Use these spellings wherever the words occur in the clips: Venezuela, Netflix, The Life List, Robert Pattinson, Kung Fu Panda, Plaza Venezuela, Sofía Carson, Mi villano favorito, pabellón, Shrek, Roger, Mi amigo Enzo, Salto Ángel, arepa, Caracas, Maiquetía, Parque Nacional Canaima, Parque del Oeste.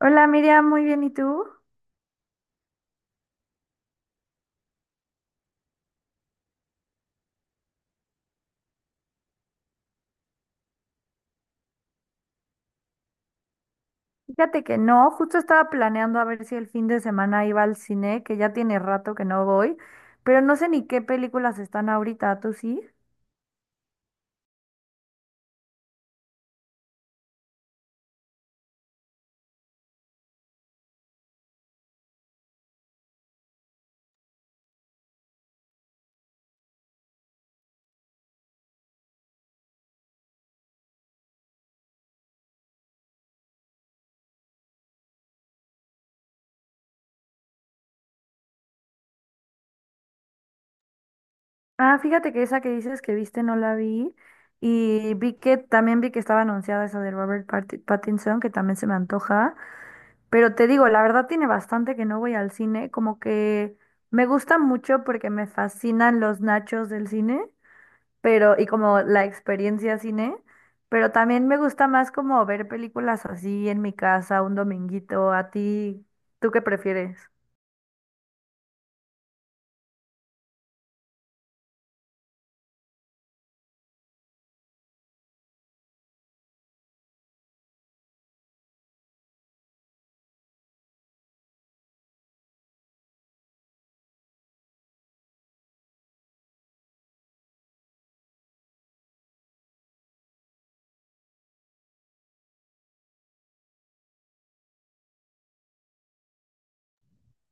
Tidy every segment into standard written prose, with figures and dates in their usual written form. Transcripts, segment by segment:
Hola Miriam, muy bien, ¿y tú? Fíjate que no, justo estaba planeando a ver si el fin de semana iba al cine, que ya tiene rato que no voy, pero no sé ni qué películas están ahorita, ¿tú sí? Ah, fíjate que esa que dices que viste no la vi y vi que también vi que estaba anunciada esa de Pattinson, que también se me antoja, pero te digo, la verdad tiene bastante que no voy al cine, como que me gusta mucho porque me fascinan los nachos del cine, pero y como la experiencia cine, pero también me gusta más como ver películas así en mi casa un dominguito. ¿A ti, tú qué prefieres?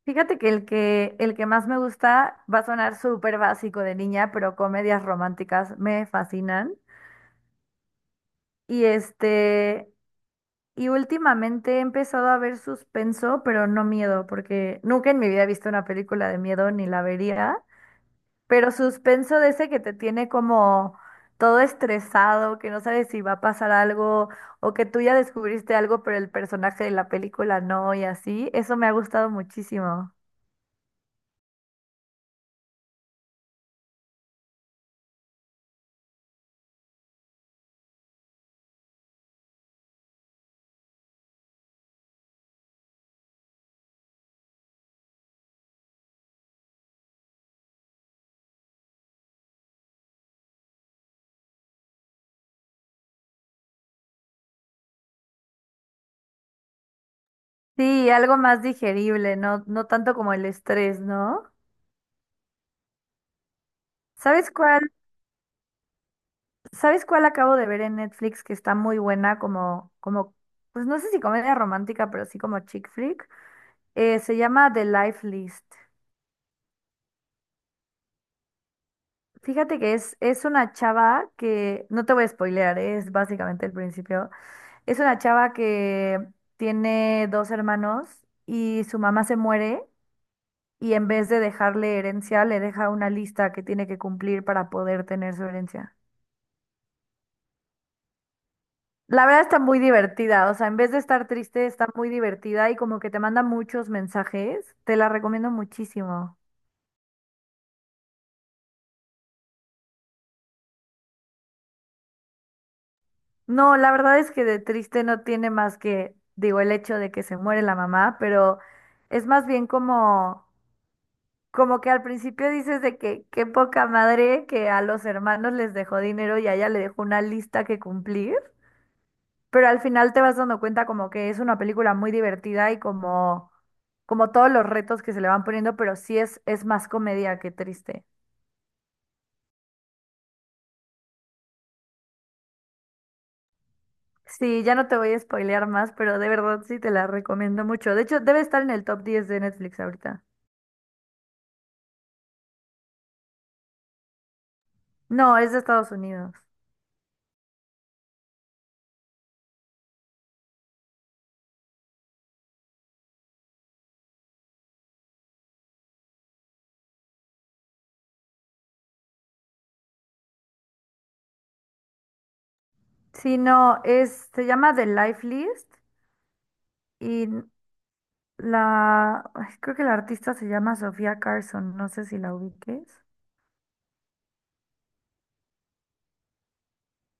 Fíjate que el que más me gusta va a sonar súper básico de niña, pero comedias románticas me fascinan. Y este y últimamente he empezado a ver suspenso, pero no miedo, porque nunca en mi vida he visto una película de miedo ni la vería. Pero suspenso de ese que te tiene como todo estresado, que no sabes si va a pasar algo o que tú ya descubriste algo, pero el personaje de la película no, y así, eso me ha gustado muchísimo. Sí, algo más digerible, no, no tanto como el estrés, ¿no? ¿Sabes cuál? ¿Sabes cuál acabo de ver en Netflix que está muy buena como, pues no sé si comedia romántica, pero sí como chick flick? Se llama The Life List. Fíjate que es una chava que, no te voy a spoilear, ¿eh? Es básicamente el principio. Es una chava que tiene dos hermanos y su mamá se muere, y en vez de dejarle herencia, le deja una lista que tiene que cumplir para poder tener su herencia. La verdad está muy divertida, o sea, en vez de estar triste, está muy divertida y como que te manda muchos mensajes. Te la recomiendo muchísimo. No, la verdad es que de triste no tiene más que, digo, el hecho de que se muere la mamá, pero es más bien como, como que al principio dices de que qué poca madre que a los hermanos les dejó dinero y a ella le dejó una lista que cumplir, pero al final te vas dando cuenta como que es una película muy divertida y como, como todos los retos que se le van poniendo, pero sí es más comedia que triste. Sí, ya no te voy a spoilear más, pero de verdad sí te la recomiendo mucho. De hecho, debe estar en el top 10 de Netflix ahorita. No, es de Estados Unidos. Sí, no, se llama The Life List y ay, creo que la artista se llama Sofía Carson, no sé si la ubiques.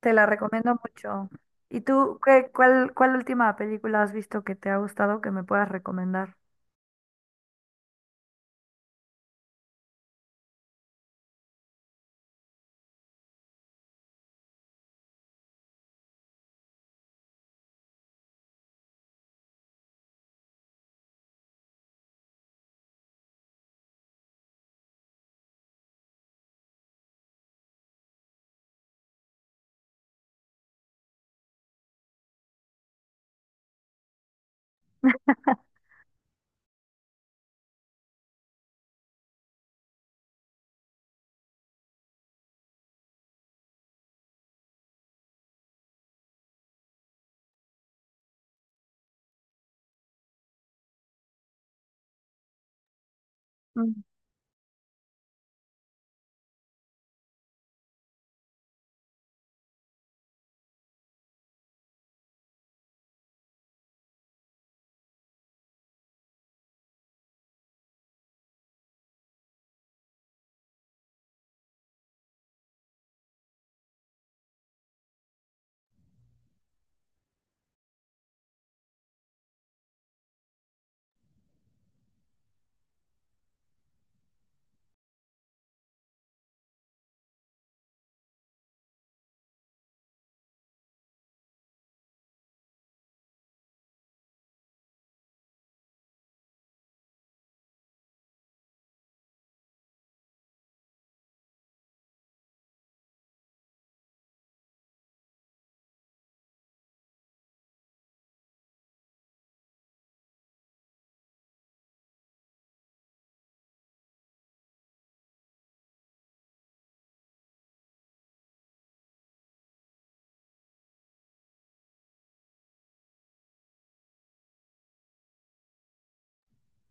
Te la recomiendo mucho. ¿Y tú qué, cuál última película has visto que te ha gustado que me puedas recomendar? Mm.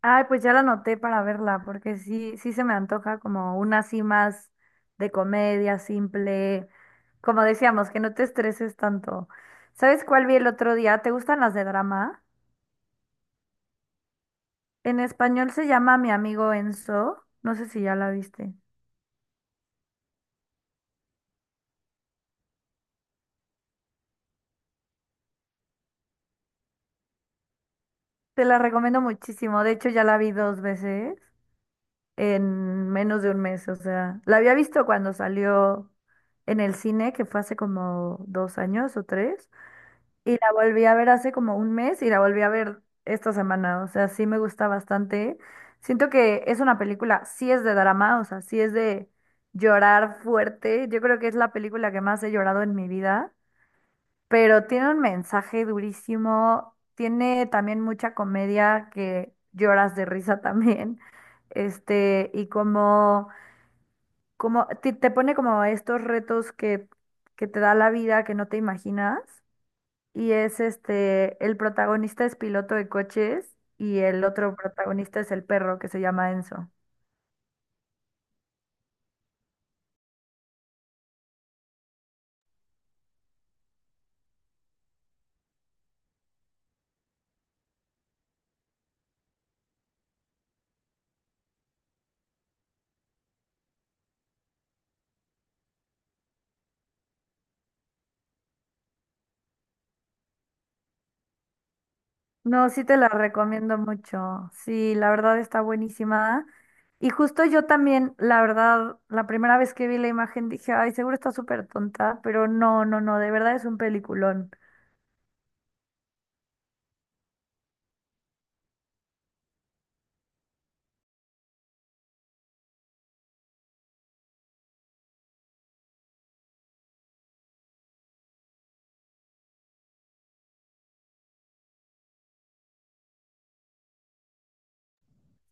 Ay, pues ya la anoté para verla, porque sí, sí se me antoja como una así más de comedia, simple, como decíamos, que no te estreses tanto. ¿Sabes cuál vi el otro día? ¿Te gustan las de drama? En español se llama Mi amigo Enzo. No sé si ya la viste. Te la recomiendo muchísimo. De hecho, ya la vi dos veces en menos de un mes. O sea, la había visto cuando salió en el cine, que fue hace como 2 años o 3. Y la volví a ver hace como un mes y la volví a ver esta semana. O sea, sí me gusta bastante. Siento que es una película, sí es de drama, o sea, sí es de llorar fuerte. Yo creo que es la película que más he llorado en mi vida, pero tiene un mensaje durísimo, tiene también mucha comedia que lloras de risa también, este, y como, como te pone como estos retos que te da la vida que no te imaginas, y es este, el protagonista es piloto de coches y el otro protagonista es el perro que se llama Enzo. No, sí te la recomiendo mucho. Sí, la verdad está buenísima. Y justo yo también, la verdad, la primera vez que vi la imagen dije, ay, seguro está súper tonta, pero no, no, no, de verdad es un peliculón.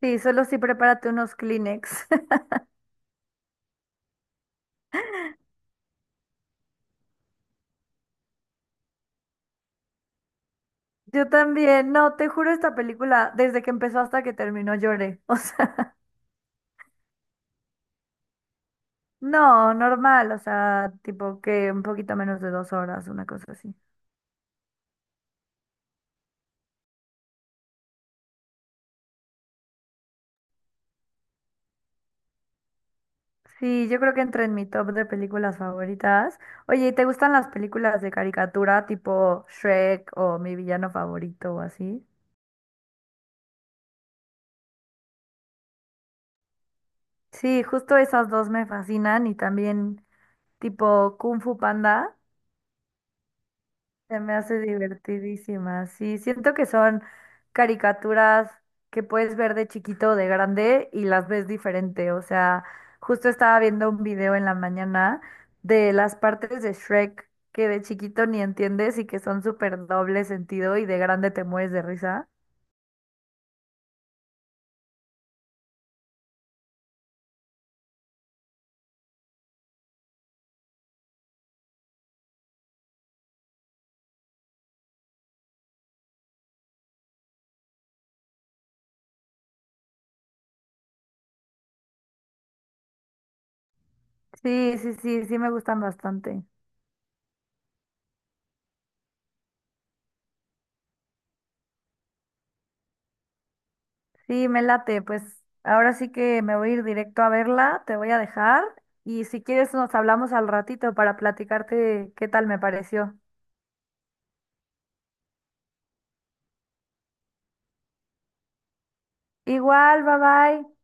Sí, solo sí prepárate unos Kleenex. Yo también, no, te juro, esta película, desde que empezó hasta que terminó lloré. O sea, no, normal, o sea, tipo que un poquito menos de 2 horas, una cosa así. Sí, yo creo que entra en mi top de películas favoritas. Oye, ¿y te gustan las películas de caricatura tipo Shrek o Mi villano favorito o así? Sí, justo esas dos me fascinan y también tipo Kung Fu Panda. Se me hace divertidísima. Sí, siento que son caricaturas que puedes ver de chiquito o de grande y las ves diferente. O sea, justo estaba viendo un video en la mañana de las partes de Shrek que de chiquito ni entiendes y que son súper doble sentido y de grande te mueres de risa. Sí, sí, sí, sí me gustan bastante. Sí, me late. Pues ahora sí que me voy a ir directo a verla, te voy a dejar, y si quieres nos hablamos al ratito para platicarte qué tal me pareció. Igual, bye bye.